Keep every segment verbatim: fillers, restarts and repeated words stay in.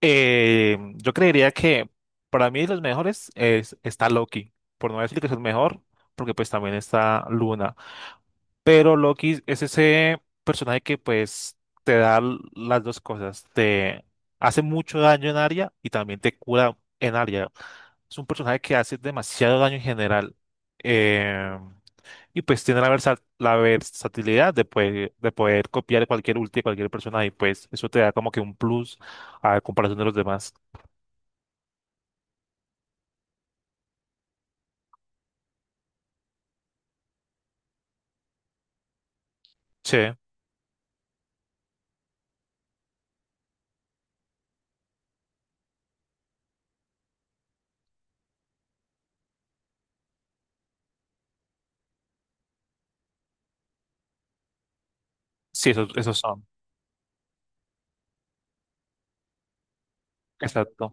Eh, yo creería que para mí los mejores es, está Loki, por no decir que es el mejor, porque pues también está Luna. Pero Loki es ese personaje que pues te da l- las dos cosas, te hace mucho daño en área y también te cura en área. Es un personaje que hace demasiado daño en general. Eh, y pues tiene la, versa- la versatilidad de, poder- de poder copiar cualquier ulti de cualquier persona y pues eso te da como que un plus a comparación de los demás. Sí, sí, esos, esos son. Exacto.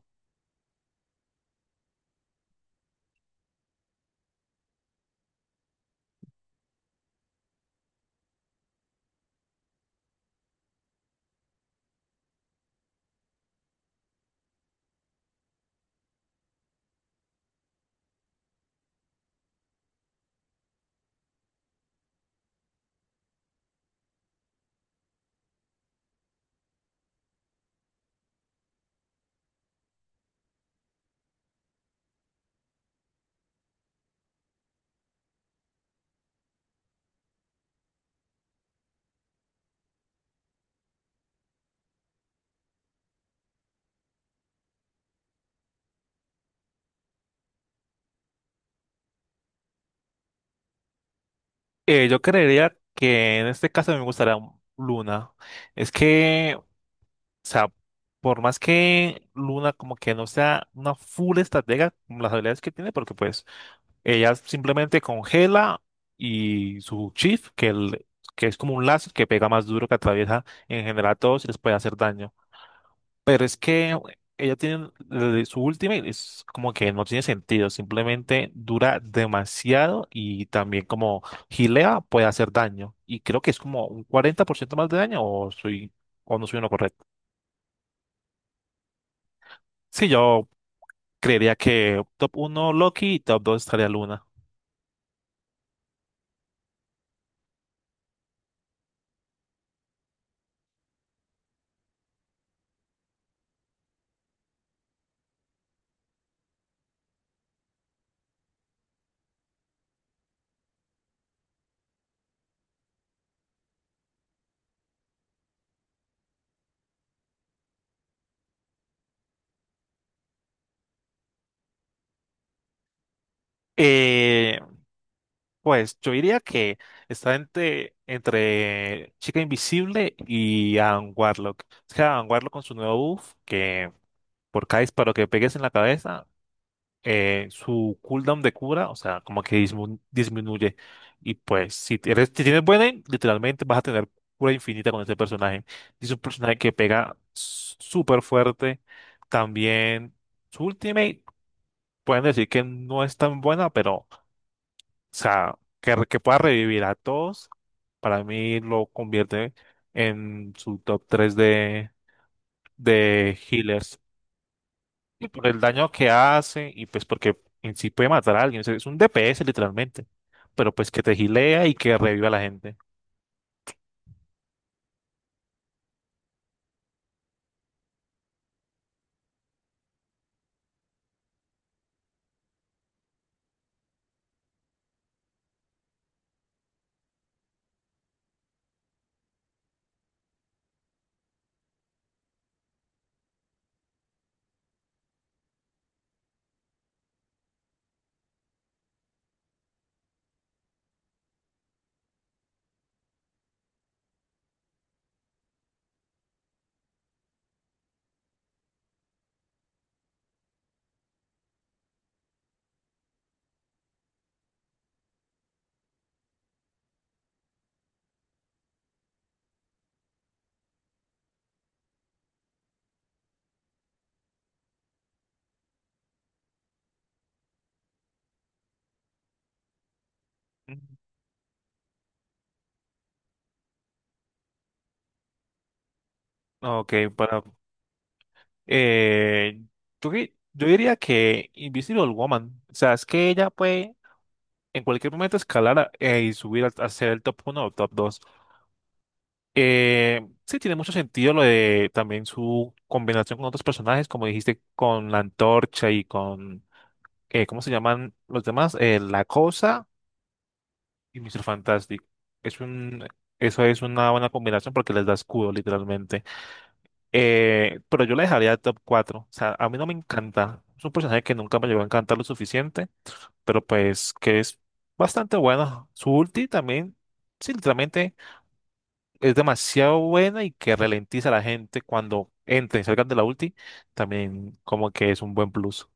Eh, yo creería que en este caso me gustaría un- Luna. Es que, o sea, por más que Luna como que no sea una full estratega con las habilidades que tiene, porque pues ella simplemente congela y su shift, que, el- que es como un láser que pega más duro, que atraviesa en general a todos y les puede hacer daño. Pero es que ella tiene eh, su última y es como que no tiene sentido, simplemente dura demasiado y también como gilea puede hacer daño. Y creo que es como un cuarenta por ciento más de daño o soy o no soy uno correcto. Sí, yo creería que top uno Loki y top dos estaría Luna. Eh, pues yo diría que está entre, entre Chica Invisible y Adam Warlock. Es que Adam Warlock con su nuevo buff que por cada disparo que pegues en la cabeza eh, su cooldown de cura, o sea, como que dismu- disminuye. Y pues, si eres, si tienes buena aim, literalmente vas a tener cura infinita con este personaje. Y es un personaje que pega s- súper fuerte. También su ultimate, pueden decir que no es tan buena, pero, o sea, que, re- que pueda revivir a todos, para mí lo convierte en su top tres de, de healers. Y por el daño que hace y pues porque en sí puede matar a alguien. O sea, es un D P S literalmente, pero pues que te gilea y que reviva a la gente. Mm, Ok, para... Eh, yo, di- yo diría que Invisible Woman, o sea, es que ella puede en cualquier momento escalar a- eh, y subir al- a, ser el top uno o top dos. Eh, sí, tiene mucho sentido lo de también su combinación con otros personajes, como dijiste, con la antorcha y con, eh, ¿cómo se llaman los demás? Eh, la cosa. Y míster Fantastic. Es un, eso es una buena combinación porque les da escudo, literalmente. Eh, pero yo la dejaría top cuatro. O sea, a mí no me encanta. Es un personaje que nunca me llegó a encantar lo suficiente, pero pues que es bastante bueno. Su ulti también, sí, literalmente es demasiado buena y que ralentiza a la gente cuando entren y salgan de la ulti. También como que es un buen plus.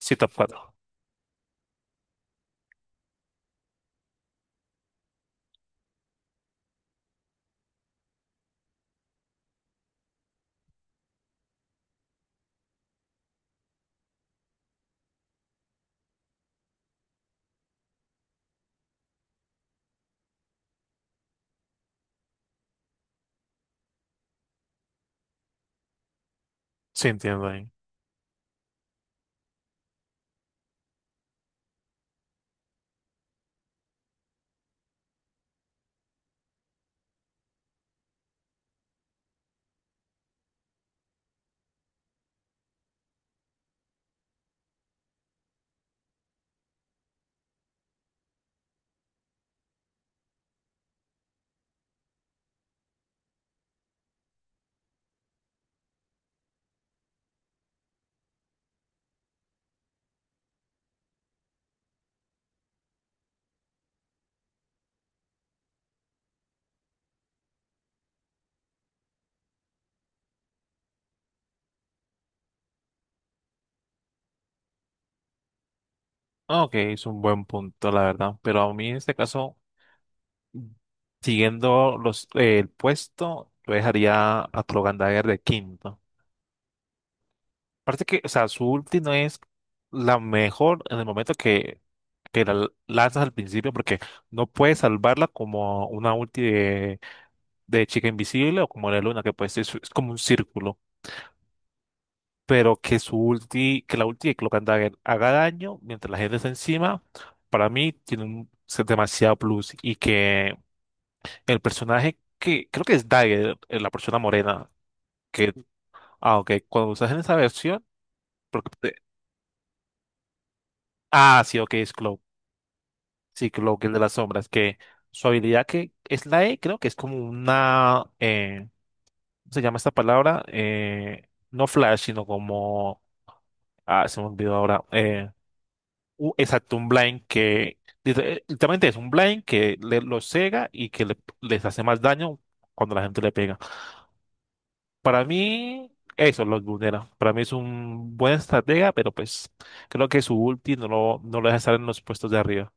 Sí, top cuatro. Sí, entiendo ahí. Ok, es un buen punto, la verdad. Pero a mí en este caso, siguiendo los, eh, el puesto, yo dejaría a Trogandager de quinto. Aparte que, o sea, su ulti no es la mejor en el momento que, que la lanzas al principio, porque no puedes salvarla como una ulti de, de chica invisible o como la luna, que puede ser, es como un círculo. Pero que su ulti, que la ulti de Cloak and Dagger haga daño mientras la gente está encima, para mí tiene un es demasiado plus. Y que el personaje que creo que es Dagger, eh, la persona morena, que, ah, ok, cuando usas en esa versión, porque, te- ah, sí, ok, es Cloak, sí, Cloak, el de las sombras, que su habilidad que es la E, creo que es como una, eh, ¿cómo se llama esta palabra? Eh, no flash, sino como, ah, se me olvidó ahora, eh, u- exacto, un blind que dice, eh, literalmente es un blind que le, los cega y que le- les hace más daño cuando la gente le pega. Para mí, eso los vulnera. Para mí es un buen estratega, pero pues creo que su ulti no lo, no lo deja estar en los puestos de arriba.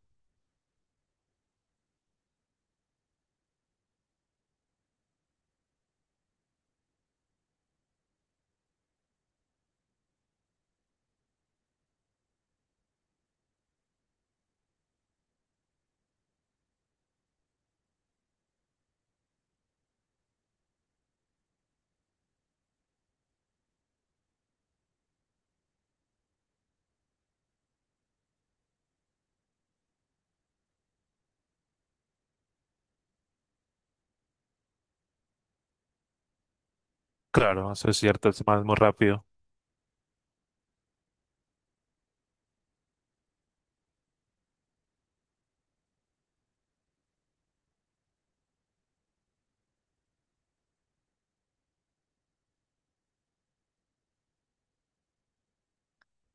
Claro, eso es cierto, es más muy rápido.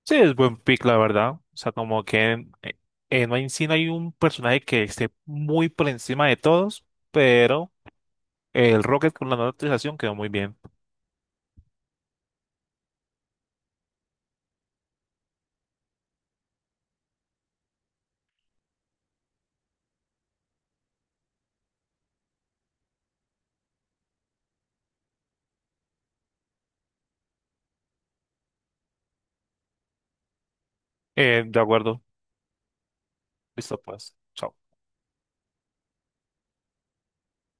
Sí, es buen pick, la verdad. O sea, como que en, en Vayne Sin hay un personaje que esté muy por encima de todos, pero. El Rocket con la nueva actualización quedó muy bien. Eh, de acuerdo. Listo, pues. Chao.